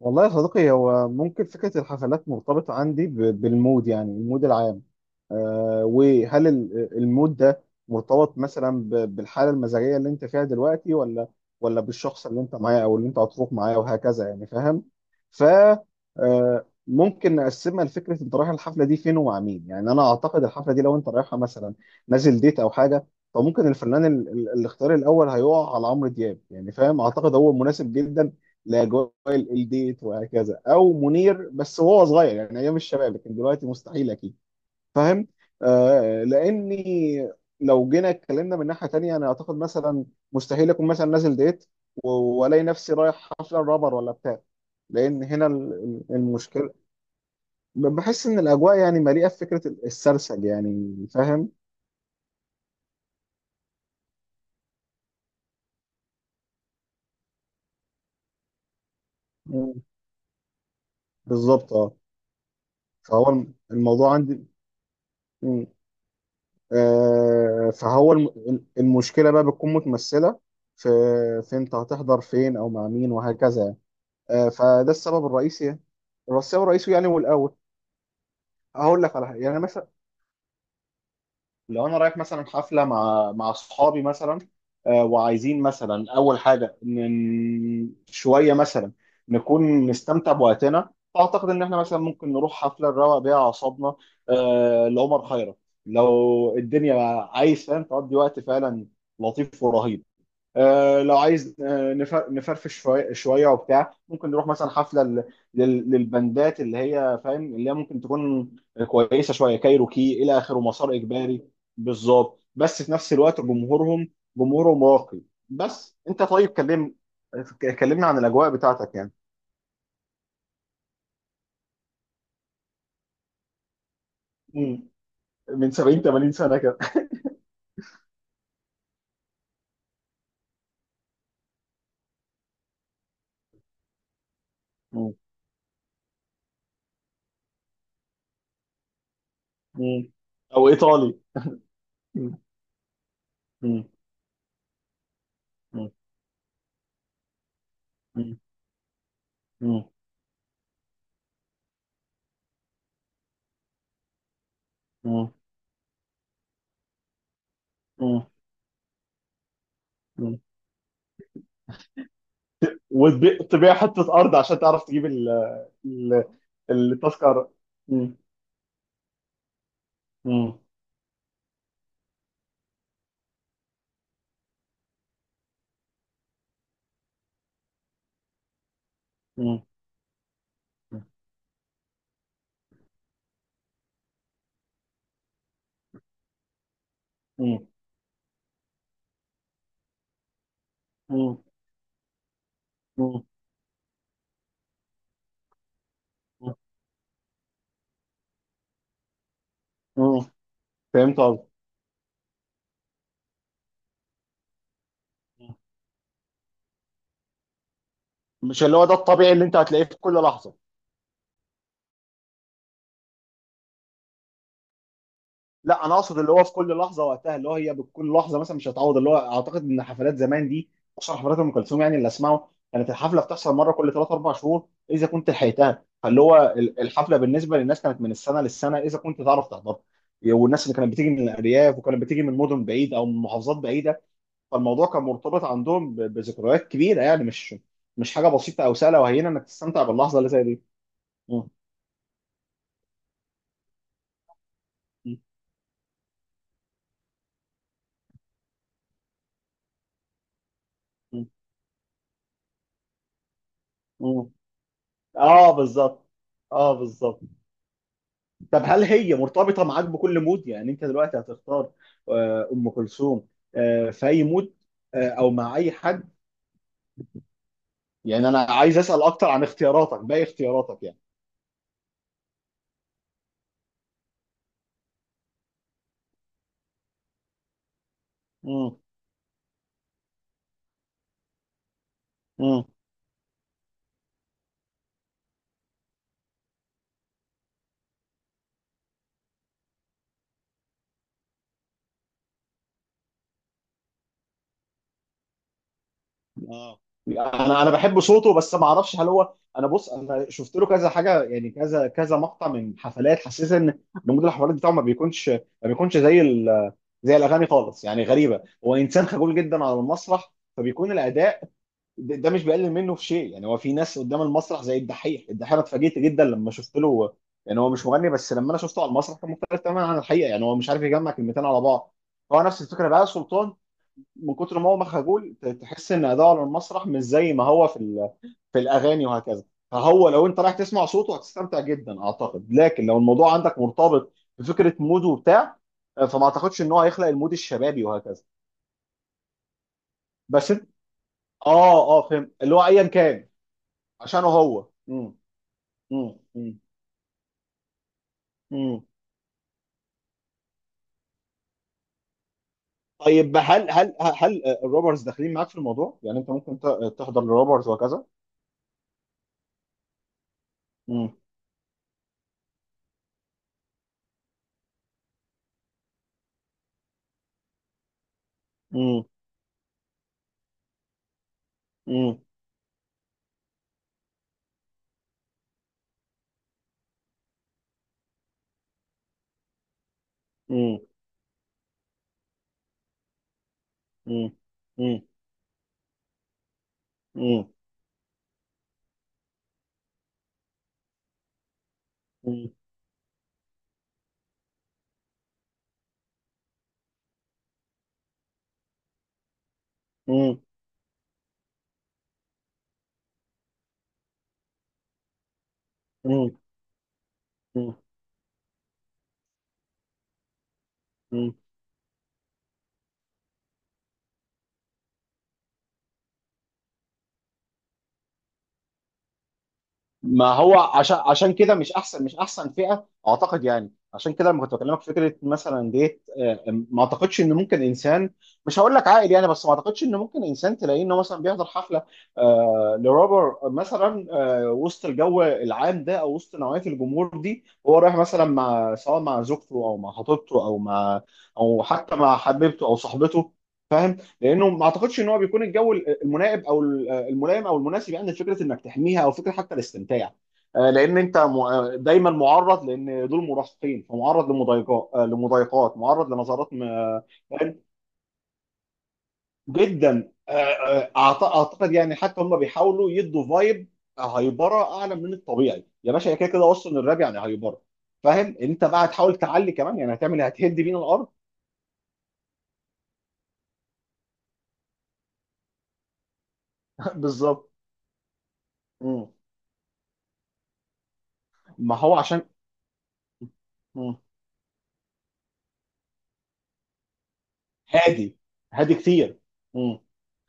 والله يا صديقي، هو ممكن فكرة الحفلات مرتبطة عندي بالمود، يعني المود العام. وهل المود ده مرتبط مثلا بالحالة المزاجية اللي انت فيها دلوقتي، ولا بالشخص اللي انت معاه او اللي انت هتروح معاه وهكذا، يعني فاهم؟ ف ممكن نقسمها لفكرة انت رايح الحفلة دي فين ومع مين. يعني انا اعتقد الحفلة دي لو انت رايحها مثلا نازل ديت او حاجة، فممكن الفنان الاختيار الاول هيقع على عمرو دياب، يعني فاهم، اعتقد هو مناسب جدا لاجواء الديت وهكذا، او منير، بس وهو صغير يعني، ايام الشباب، لكن دلوقتي مستحيل اكيد. فاهم؟ لاني لو جينا اتكلمنا من ناحيه تانية، انا اعتقد مثلا مستحيل اكون مثلا نازل ديت و- والاقي نفسي رايح حفله رابر ولا بتاع، لان هنا المشكله، بحس ان الاجواء يعني مليئه بفكره السرسج، يعني فاهم. مم. بالظبط، اه. فهو الموضوع عندي، فهو المشكله بقى بتكون متمثله في في انت هتحضر فين او مع مين وهكذا يعني. فده السبب الرئيسي يعني. السبب الرئيسي يعني هو الاول. هقول لك على حاجه، يعني مثلا لو انا رايح مثلا حفله مع اصحابي مثلا، وعايزين مثلا اول حاجه، شويه مثلا نكون نستمتع بوقتنا، فاعتقد ان احنا مثلا ممكن نروح حفله نروق بيها اعصابنا. لعمر خيرت، لو الدنيا عايز، فاهم، تقضي وقت فعلا لطيف ورهيب. لو عايز، نفرفش شويه شويه وبتاع، ممكن نروح مثلا حفله للبندات، اللي هي فاهم، اللي هي ممكن تكون كويسه شويه، كايروكي الى اخره، مسار اجباري. بالظبط، بس في نفس الوقت جمهورهم راقي. بس انت طيب، كلمنا عن الاجواء بتاعتك يعني. مم. من 70 80 سنه كده. مم. مم. او ايطالي. مم. مم. مم. مم. مم. مم. مم. وتبيع حته ارض عشان تعرف تجيب ال- التذكرة. مم. مم. مم. مم. مم. مم. مم. فهمت قصدي؟ مش اللي هو ده الطبيعي اللي انت هتلاقيه في كل لحظة؟ لا، انا اقصد اللي هو في كل لحظة وقتها، اللي هو هي بكل لحظة مثلا مش هتعوض، اللي هو اعتقد ان حفلات زمان دي، خصوصا حفلات ام كلثوم يعني، اللي اسمعه كانت الحفلة بتحصل مرة كل 3 4 شهور اذا كنت لحقتها. فاللي هو الحفلة بالنسبة للناس كانت من السنة للسنة اذا كنت تعرف تحضرها، والناس اللي كانت بتيجي من الارياف وكانت بتيجي من مدن بعيد او من محافظات بعيدة، فالموضوع كان مرتبط عندهم بذكريات كبيره، يعني مش حاجه بسيطه او سهله وهينه انك تستمتع باللحظه اللي زي دي. مم. مم. مم. مم. اه، بالظبط. اه، بالظبط. طب هل هي مرتبطه معاك بكل مود؟ يعني انت دلوقتي هتختار ام كلثوم في اي مود؟ او مع اي حد؟ يعني انا عايز اسال اكتر عن اختياراتك، باقي اختياراتك يعني. مم. مم. اه، انا بحب صوته، بس ما اعرفش هل هو، انا بص، انا شفت له كذا حاجه يعني، كذا كذا مقطع من حفلات، حسيت ان نموذج الحفلات بتاعه ما بيكونش زي زي الاغاني خالص، يعني غريبه، هو انسان خجول جدا على المسرح فبيكون الاداء ده مش بيقلل منه في شيء، يعني هو في ناس قدام المسرح زي الدحيح. الدحيح انا اتفاجئت جدا لما شفت له، يعني هو مش مغني، بس لما انا شفته على المسرح كان مختلف تماما عن الحقيقه، يعني هو مش عارف يجمع كلمتين على بعض. هو نفس الفكره بقى سلطان، من كتر ما هو مخجول تحس ان اداؤه على المسرح مش زي ما هو في في الاغاني وهكذا. فهو لو انت رايح تسمع صوته هتستمتع جدا اعتقد، لكن لو الموضوع عندك مرتبط بفكره مود وبتاع، فما اعتقدش ان هو هيخلق المود الشبابي وهكذا. بس انت، اه. اه، فهمت، اللي هو ايا كان عشانه هو. مم. مم. مم. مم. طيب هل الروبرز داخلين معاك في الموضوع؟ يعني انت ممكن تحضر الروبرز وهكذا؟ مم. مم. مم. مم. مم. مم. مم. مم. مم. مم. مم. ما هو عشان كده، مش احسن فئه اعتقد يعني. عشان كده لما كنت بكلمك في فكره مثلا ديت، ما اعتقدش ان ممكن انسان، مش هقول لك عاقل يعني، بس ما اعتقدش ان ممكن انسان تلاقيه انه مثلا بيحضر حفله، لرابر مثلا، وسط الجو العام ده او وسط نوعيه الجمهور دي، هو رايح مثلا مع، سواء مع زوجته او مع خطيبته او مع، او حتى مع حبيبته او صاحبته، لانه ما اعتقدش ان هو بيكون الجو الملائم، او الملائم او المناسب يعني لفكره انك تحميها، او فكره حتى الاستمتاع. لان انت دايما معرض، لان دول مراهقين، فمعرض لمضايقات، لمضايقات، معرض لنظرات، جدا. اعتقد يعني، حتى هم بيحاولوا يدوا فايب هايبره اعلى من الطبيعي، يا باشا هي كده كده اصلا الراب يعني هايبره. فاهم؟ انت بقى هتحاول تعلي كمان يعني، هتعمل، هتهد بينا الارض. بالظبط. مم. ما هو عشان. هادي. هادي كتير. مم.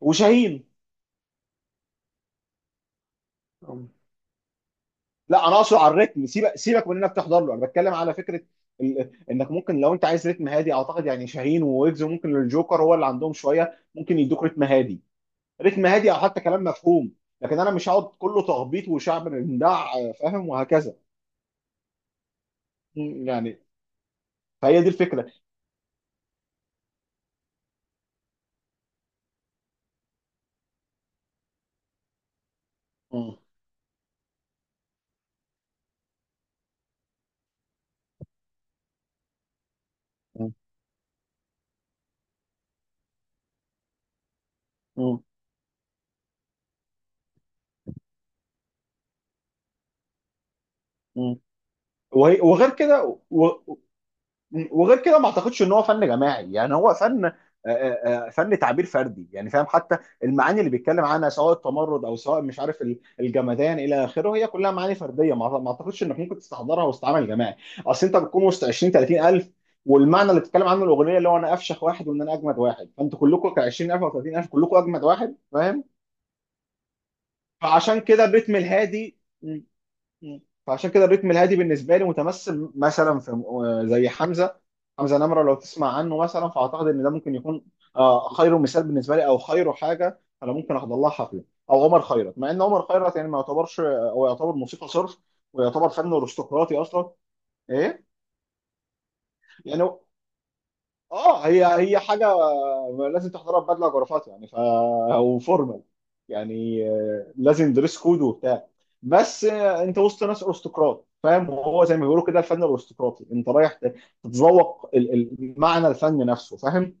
وشاهين. أم. لا، انا اقصد على الريتم، سيبك سيبك من انك تحضر له، انا بتكلم على فكره انك ممكن، لو انت عايز ريتم هادي اعتقد يعني شاهين وويجز، وممكن الجوكر هو اللي عندهم شويه، ممكن يدوك ريتم هادي، ريتم هادي او حتى كلام مفهوم. لكن انا مش هقعد كله تخبيط وشعب بندع، فاهم، وهكذا. مم، يعني. فهي دي الفكره. مم، مم، مم، مم. وغير كده وغير كده، ما اعتقدش ان هو فن جماعي، يعني هو فن، فن تعبير فردي يعني، فاهم. حتى المعاني اللي بيتكلم عنها، سواء التمرد او سواء، مش عارف، الجمدان الى اخره، هي كلها معاني فرديه، ما اعتقدش انك ممكن تستحضرها وسط عمل جماعي. اصل انت بتكون وسط 20 30 الف، والمعنى اللي بتتكلم عنه الاغنيه اللي هو انا افشخ واحد، وان انا اجمد واحد، فانتوا كلكم ك 20000 او 30000 كلكم اجمد واحد، فاهم. فعشان كده بيتم الهادي. مم. فعشان كده الريتم الهادي بالنسبه لي متمثل مثلا في، زي حمزه. حمزه نمره لو تسمع عنه مثلا، فاعتقد ان ده ممكن يكون خير مثال بالنسبه لي، او خير حاجه انا ممكن احضر لها حفله. او عمر خيرت، مع ان عمر خيرت يعني ما يعتبرش، هو يعتبر موسيقى صرف، ويعتبر فن ارستقراطي اصلا. ايه يعني، اه هي حاجه لازم تحضرها ببدله وجرافات، يعني وفورمال، يعني لازم دريس كود وبتاع. بس، انت وسط ناس ارستقراط، فاهم، وهو زي ما بيقولوا كده الفن الارستقراطي، انت رايح تتذوق معنى الفن نفسه، فاهم.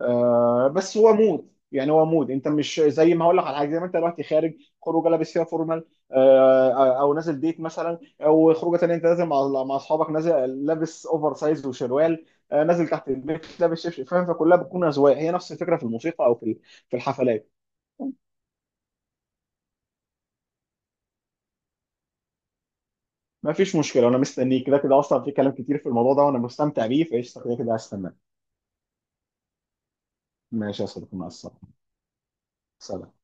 بس هو مود، يعني هو مود، انت مش زي ما هقول لك على حاجه، زي ما انت دلوقتي خارج خروجه لابس فيها فورمال، او نازل ديت مثلا، او خروجه تانيه انت نازل مع اصحابك، نازل لابس اوفر سايز وشروال، نازل تحت البيت لابس شبشب، فاهم، فكلها بتكون اذواق، هي نفس الفكره في الموسيقى او في الحفلات. ما فيش مشكله، انا مستنيك كده كده اصلا، في كلام كتير في الموضوع ده وانا مستمتع بيه، فايش كده كده هستناك. ماشي يا صديقي، مع السلامه. سلام.